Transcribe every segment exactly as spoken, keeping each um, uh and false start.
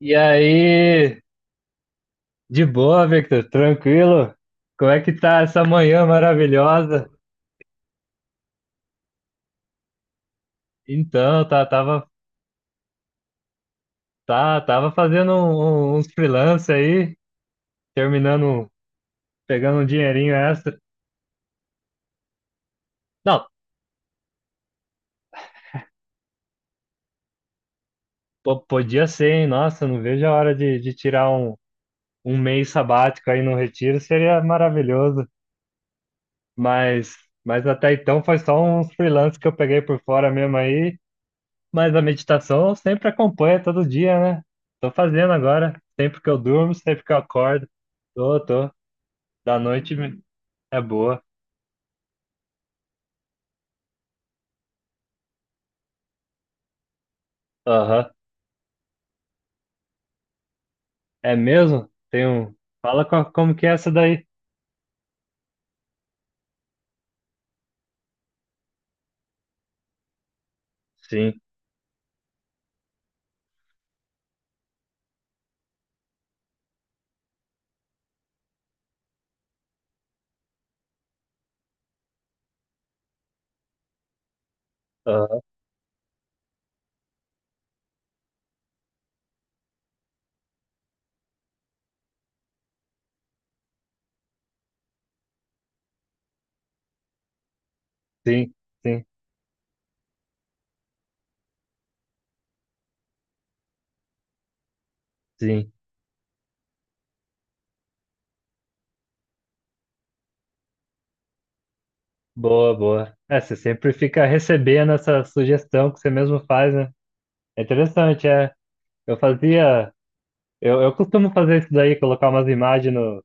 E aí, de boa, Victor? Tranquilo? Como é que tá essa manhã maravilhosa? Então, tá, tava, tá, tava fazendo um- um- uns freelance aí, terminando, pegando um dinheirinho extra. Não, po- podia ser, hein? Nossa, não vejo a hora de, de tirar um, um mês sabático aí no retiro, seria maravilhoso. Mas, mas até então foi só uns freelance que eu peguei por fora mesmo aí. Mas a meditação eu sempre acompanha todo dia, né? Tô fazendo agora, sempre que eu durmo, sempre que eu acordo. Tô, tô. Da noite me- É boa. Aham. É mesmo? Tem um. Fala co- como que é essa daí? Sim. Aham. Sim, sim, sim. Boa, boa. É, você sempre fica recebendo essa sugestão que você mesmo faz, né? É interessante, é. Eu fazia. Eu, eu costumo fazer isso daí, colocar umas imagens no,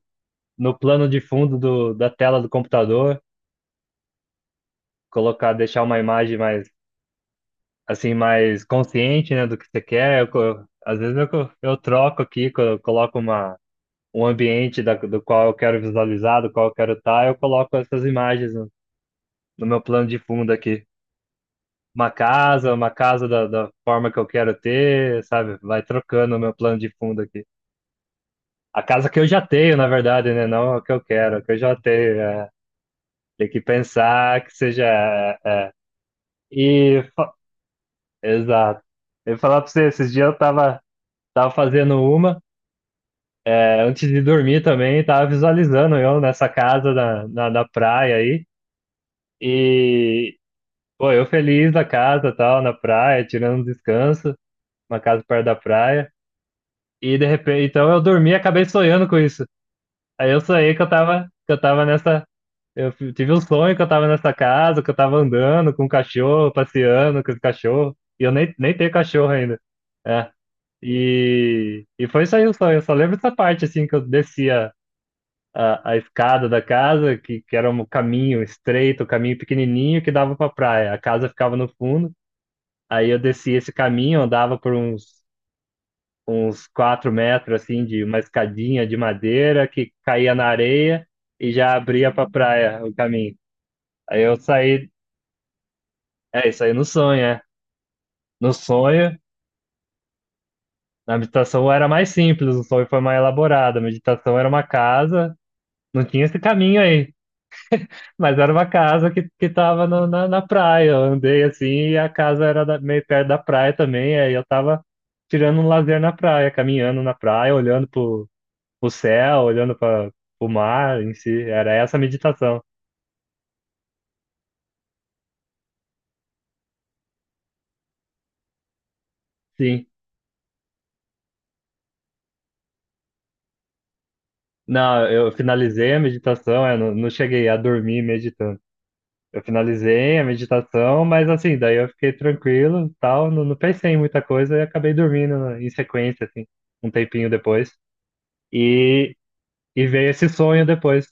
no plano de fundo do, da tela do computador. Colocar, deixar uma imagem mais assim, mais consciente, né, do que você quer. Eu, co- às vezes eu, co- eu troco aqui, co- eu coloco uma, um ambiente da, do qual eu quero visualizar, do qual eu quero estar, eu coloco essas imagens no, no meu plano de fundo aqui. Uma casa, uma casa da, da forma que eu quero ter, sabe? Vai trocando o meu plano de fundo aqui. A casa que eu já tenho, na verdade, né? Não a que eu quero, a que eu já tenho. É. Tem que pensar que seja. é, é, E. fa- Exato. Eu ia falar pra você, esses dias eu tava. Tava fazendo uma, é, antes de dormir também, tava visualizando eu nessa casa na, na, na praia aí. E, pô, eu feliz na casa, tal, na praia, tirando um descanso, uma casa perto da praia. E de repente, então eu dormi e acabei sonhando com isso. Aí eu sonhei que eu tava, que eu tava nessa. Eu f- tive um sonho que eu tava nessa casa, que eu tava andando com um cachorro, passeando com o cachorro. E eu nem, nem tenho cachorro ainda. É. E, e foi isso aí o sonho. Eu só lembro dessa parte, assim, que eu descia a, a escada da casa, que, que era um caminho estreito, um caminho pequenininho que dava para praia. A casa ficava no fundo. Aí eu descia esse caminho, andava por uns, uns quatro metros, assim, de uma escadinha de madeira que caía na areia e já abria para praia o caminho. Aí eu saí, é isso aí no sonho, é. No sonho, na meditação era mais simples, o sonho foi mais elaborado. A meditação era uma casa, não tinha esse caminho aí. Mas era uma casa que, que tava no- na, na praia. Eu andei assim e a casa era da- meio perto da praia também. Aí eu tava tirando um lazer na praia, caminhando na praia, olhando pro, pro céu, olhando para o mar em si. Era essa a meditação. Sim. Não, eu finalizei a meditação, eu não, não cheguei a dormir meditando. Eu finalizei a meditação, mas assim, daí eu fiquei tranquilo, e tal, não, não pensei em muita coisa e acabei dormindo em sequência, assim, um tempinho depois. E, E veio esse sonho depois.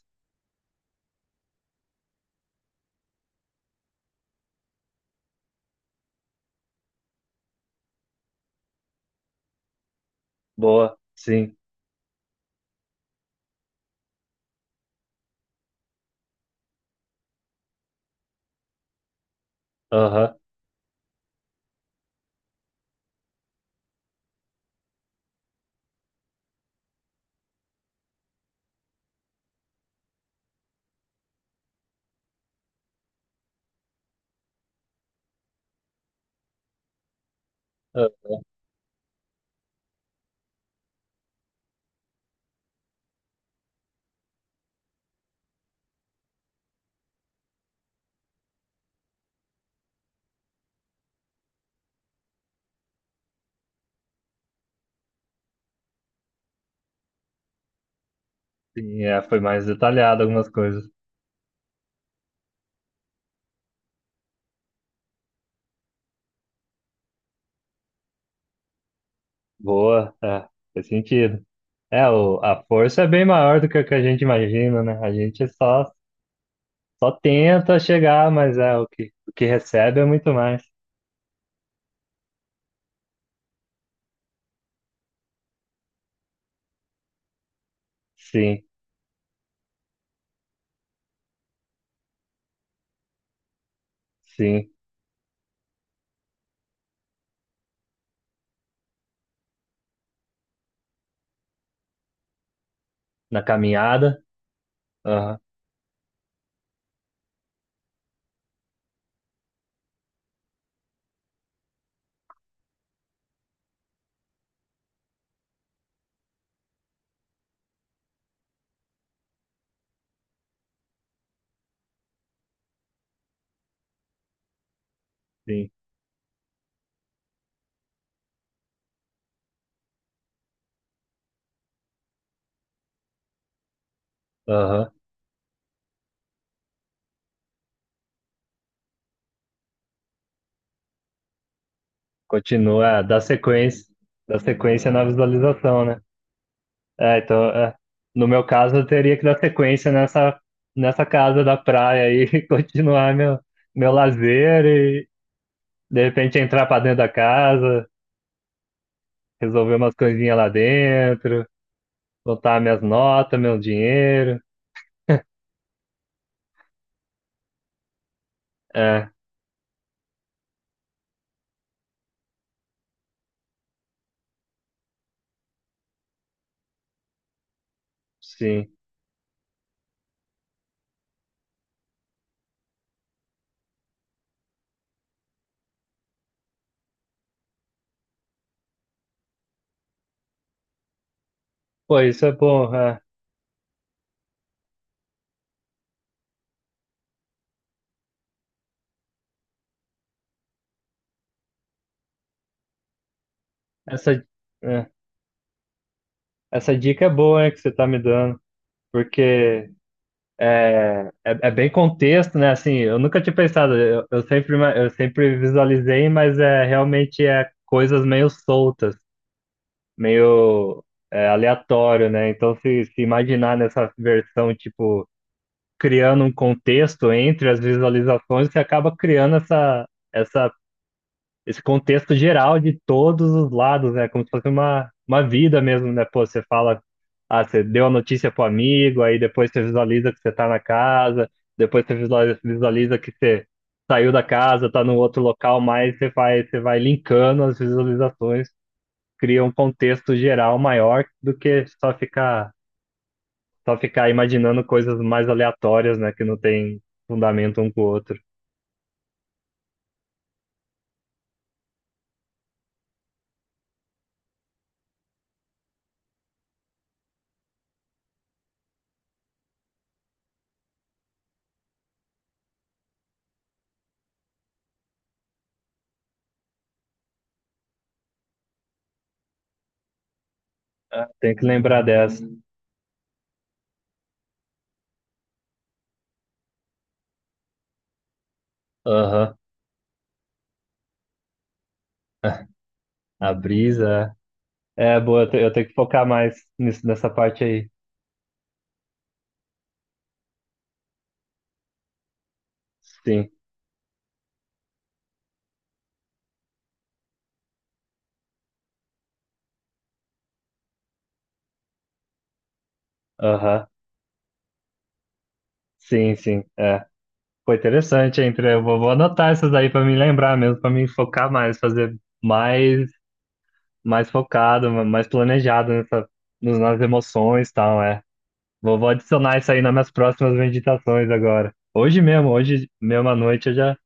Boa, sim. Aham. Ah, sim, é, foi mais detalhado algumas coisas. Boa, é, faz sentido. É, o, a força é bem maior do que o que a gente imagina, né? A gente só, só tenta chegar, mas é o que, o que recebe é muito mais. Sim, sim. Na caminhada, aham, sim, aham. Continua, é, dá sequência, dá sequência na visualização, né? É, então, é, no meu caso, eu teria que dar sequência nessa, nessa casa da praia aí, e continuar meu, meu lazer e, de repente, entrar para dentro da casa, resolver umas coisinhas lá dentro, botar minhas notas, meu dinheiro. É, sim. Pô, isso é bom. É. Essa, é, essa dica é boa, hein, que você tá me dando. Porque é, é bem contexto, né? Assim, eu nunca tinha pensado, eu, eu sempre, ima- eu sempre visualizei, mas é realmente é coisas meio soltas. Meio é, aleatório, né? Então, se, se imaginar nessa versão, tipo, criando um contexto entre as visualizações, você acaba criando essa, essa, esse contexto geral de todos os lados, né? Como se fosse uma, uma vida mesmo, né? Pô, você fala, ah, você deu a notícia pro amigo, aí depois você visualiza que você tá na casa, depois você visualiza, visualiza que você saiu da casa, tá no outro local, mas você vai, você vai linkando as visualizações cria um contexto geral maior do que só ficar, só ficar imaginando coisas mais aleatórias, né, que não tem fundamento um com o outro. Ah, tem que lembrar dessa. hum, Aham. A brisa. É, É, boa, eu te- eu tenho que focar mais nisso, nessa parte aí. Sim. Aham. Sim, sim. É. Foi interessante, hein? Pre? Eu vou, vou anotar essas aí pra me lembrar mesmo, pra me focar mais, fazer mais, mais focado, mais planejado nessa, nas nas emoções e tal, é. Vou, vou adicionar isso aí nas minhas próximas meditações agora. Hoje mesmo, hoje mesmo à noite eu já,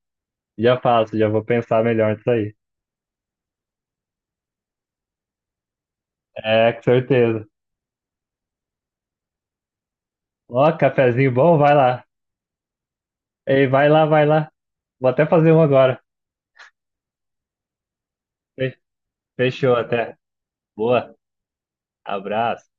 já faço, já vou pensar melhor nisso aí. É, com certeza. Ó, cafezinho bom, vai lá. Ei, vai lá, vai lá. Vou até fazer um agora. Fe- Fechou até. Boa, abraço.